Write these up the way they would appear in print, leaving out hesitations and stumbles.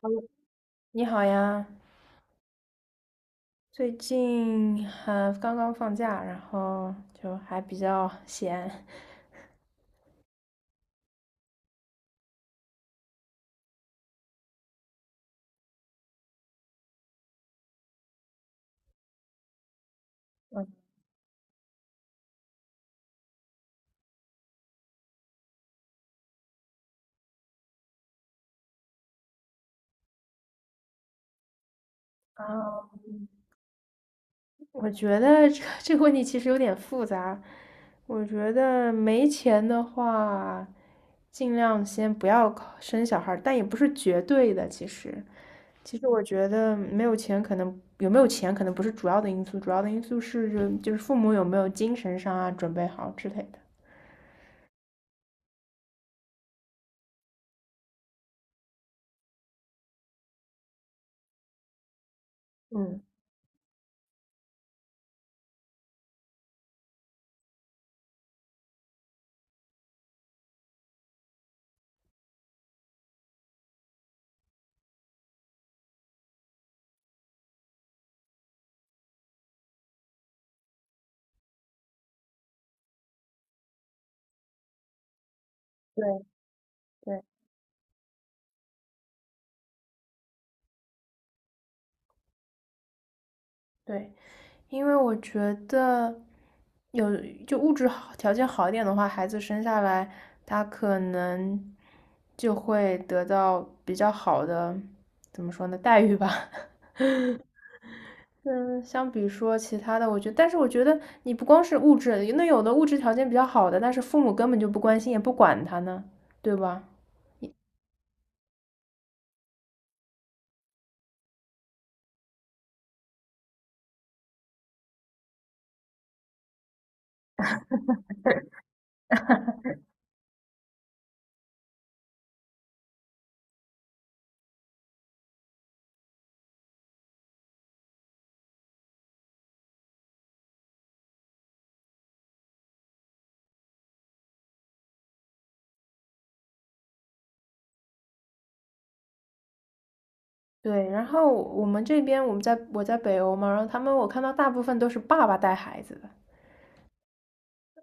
h e 你好呀，最近还刚刚放假，然后就还比较闲。嗯，啊，我觉得这个问题其实有点复杂。我觉得没钱的话，尽量先不要生小孩儿，但也不是绝对的。其实，我觉得没有钱，可能有没有钱可能不是主要的因素，主要的因素是就是父母有没有精神上啊准备好之类的。嗯，对对对。因为我觉得有就物质好条件好一点的话，孩子生下来他可能就会得到比较好的，怎么说呢，待遇吧。嗯，相比说其他的，我觉得，但是我觉得你不光是物质，那有的物质条件比较好的，但是父母根本就不关心，也不管他呢，对吧？对，然后我们这边我们在我在北欧嘛，然后他们我看到大部分都是爸爸带孩子的。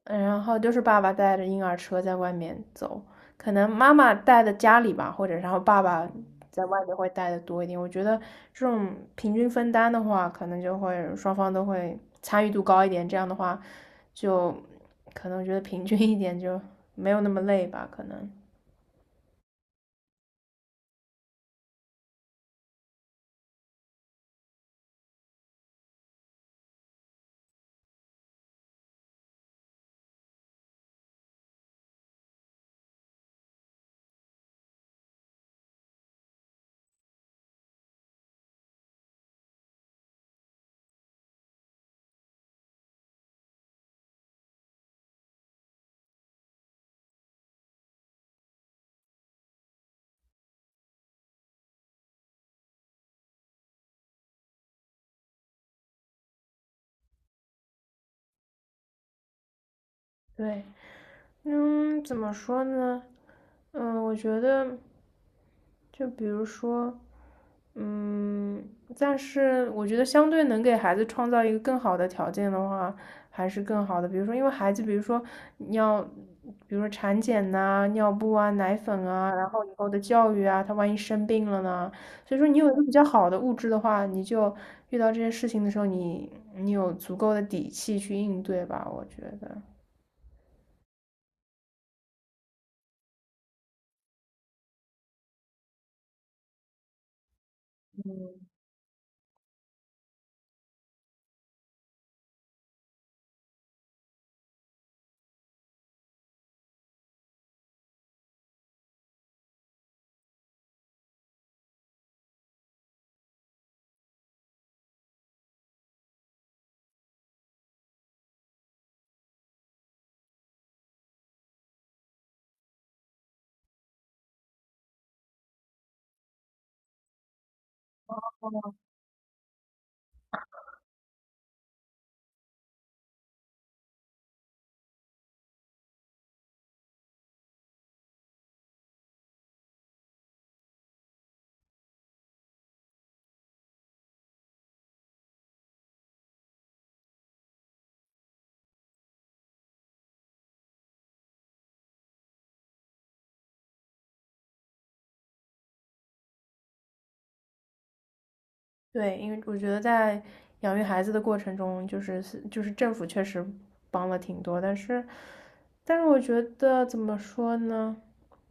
嗯，然后就是爸爸带着婴儿车在外面走，可能妈妈带的家里吧，或者然后爸爸在外面会带的多一点。我觉得这种平均分担的话，可能就会双方都会参与度高一点，这样的话就可能觉得平均一点，就没有那么累吧，可能。对，嗯，怎么说呢？嗯，我觉得就比如说。嗯，但是我觉得相对能给孩子创造一个更好的条件的话，还是更好的。比如说，因为孩子，比如说你要，比如说产检呐、尿布啊、奶粉啊，然后以后的教育啊，他万一生病了呢？所以说，你有一个比较好的物质的话，你就遇到这些事情的时候，你有足够的底气去应对吧，我觉得。对，因为我觉得在养育孩子的过程中，就是政府确实帮了挺多，但是，我觉得怎么说呢？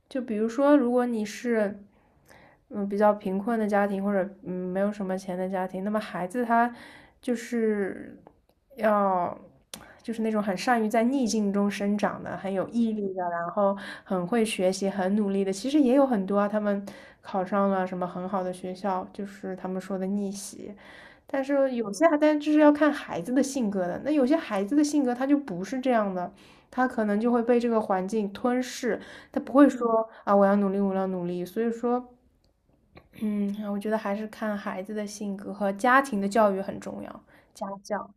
就比如说，如果你是比较贫困的家庭，或者没有什么钱的家庭，那么孩子他就是要就是那种很善于在逆境中生长的，很有毅力的，然后很会学习、很努力的。其实也有很多啊，他们考上了什么很好的学校，就是他们说的逆袭。但是有些还，但就是要看孩子的性格的。那有些孩子的性格他就不是这样的，他可能就会被这个环境吞噬，他不会说啊，我要努力，我要努力。所以说，嗯，我觉得还是看孩子的性格和家庭的教育很重要，家教，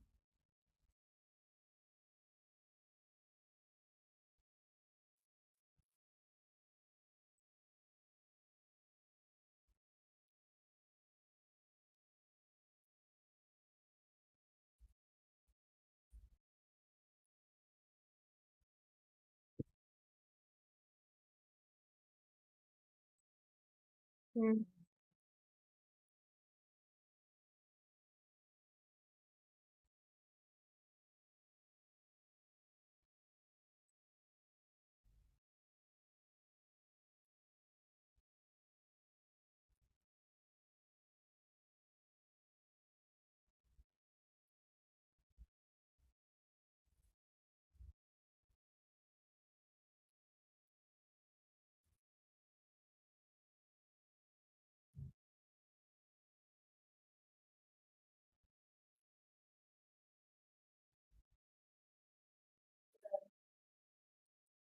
嗯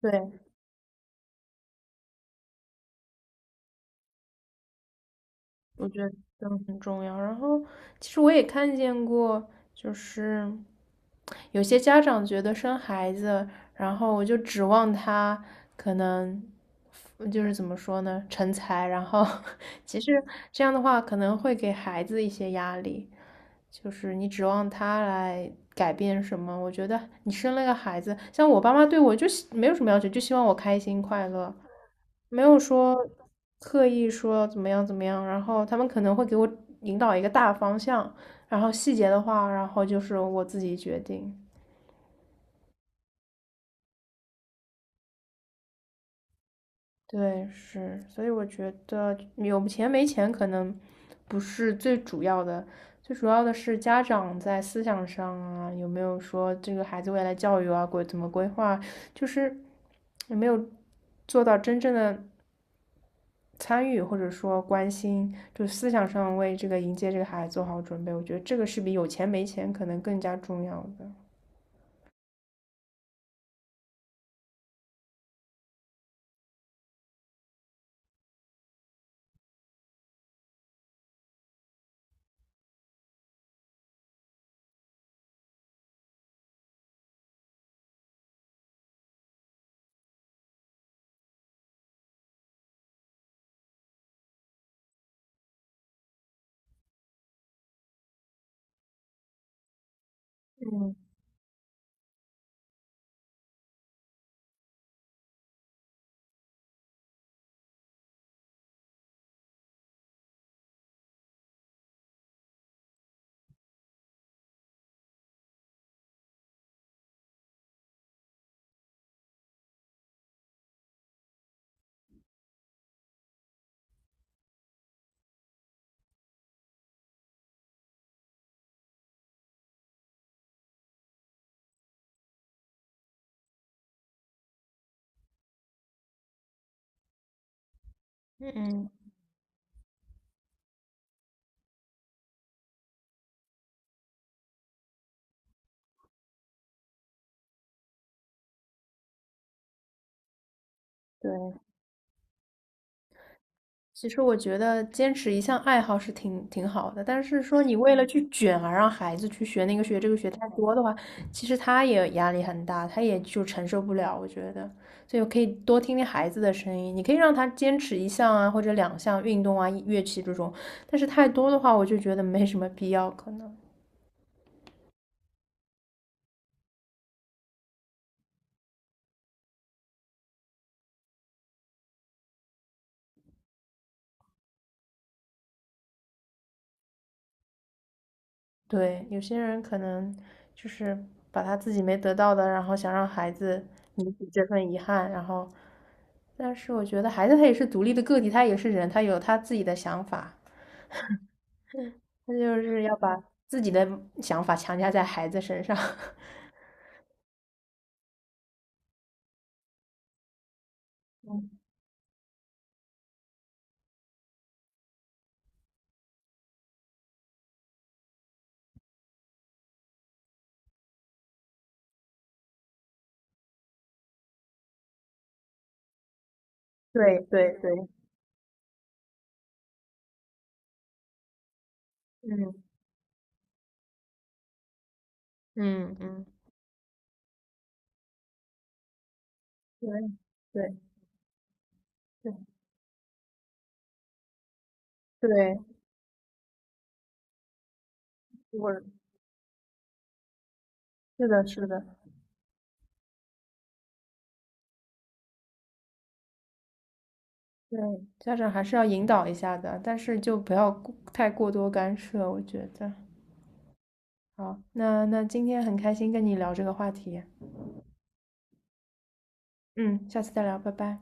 对，都很重要。然后，其实我也看见过，就是有些家长觉得生孩子，然后我就指望他可能。就是怎么说呢，成才，然后 其实这样的话可能会给孩子一些压力，就是你指望他来改变什么？我觉得你生了个孩子，像我爸妈对我就没有什么要求，就希望我开心快乐，没有说刻意说怎么样怎么样。然后他们可能会给我引导一个大方向，然后细节的话，然后就是我自己决定。对，是，所以我觉得有钱没钱可能不是最主要的，最主要的是家长在思想上啊，有没有说这个孩子未来教育啊，怎么规划，就是有没有做到真正的参与或者说关心，就思想上为这个迎接这个孩子做好准备，我觉得这个是比有钱没钱可能更加重要的。嗯。嗯，对。其实我觉得坚持一项爱好是挺好的，但是说你为了去卷而让孩子去学那个学这个学太多的话，其实他也压力很大，他也就承受不了，我觉得。所以我可以多听听孩子的声音，你可以让他坚持一项啊，或者两项运动啊、乐器这种，但是太多的话，我就觉得没什么必要，可能。对，有些人可能就是把他自己没得到的，然后想让孩子弥补这份遗憾，然后，但是我觉得孩子他也是独立的个体，他也是人，他有他自己的想法，他就是要把自己的想法强加在孩子身上。嗯对对对，嗯嗯嗯，对对对对，我是的，是的，对，家长还是要引导一下的，但是就不要过太过多干涉，我觉得。好，那今天很开心跟你聊这个话题，嗯，下次再聊，拜拜。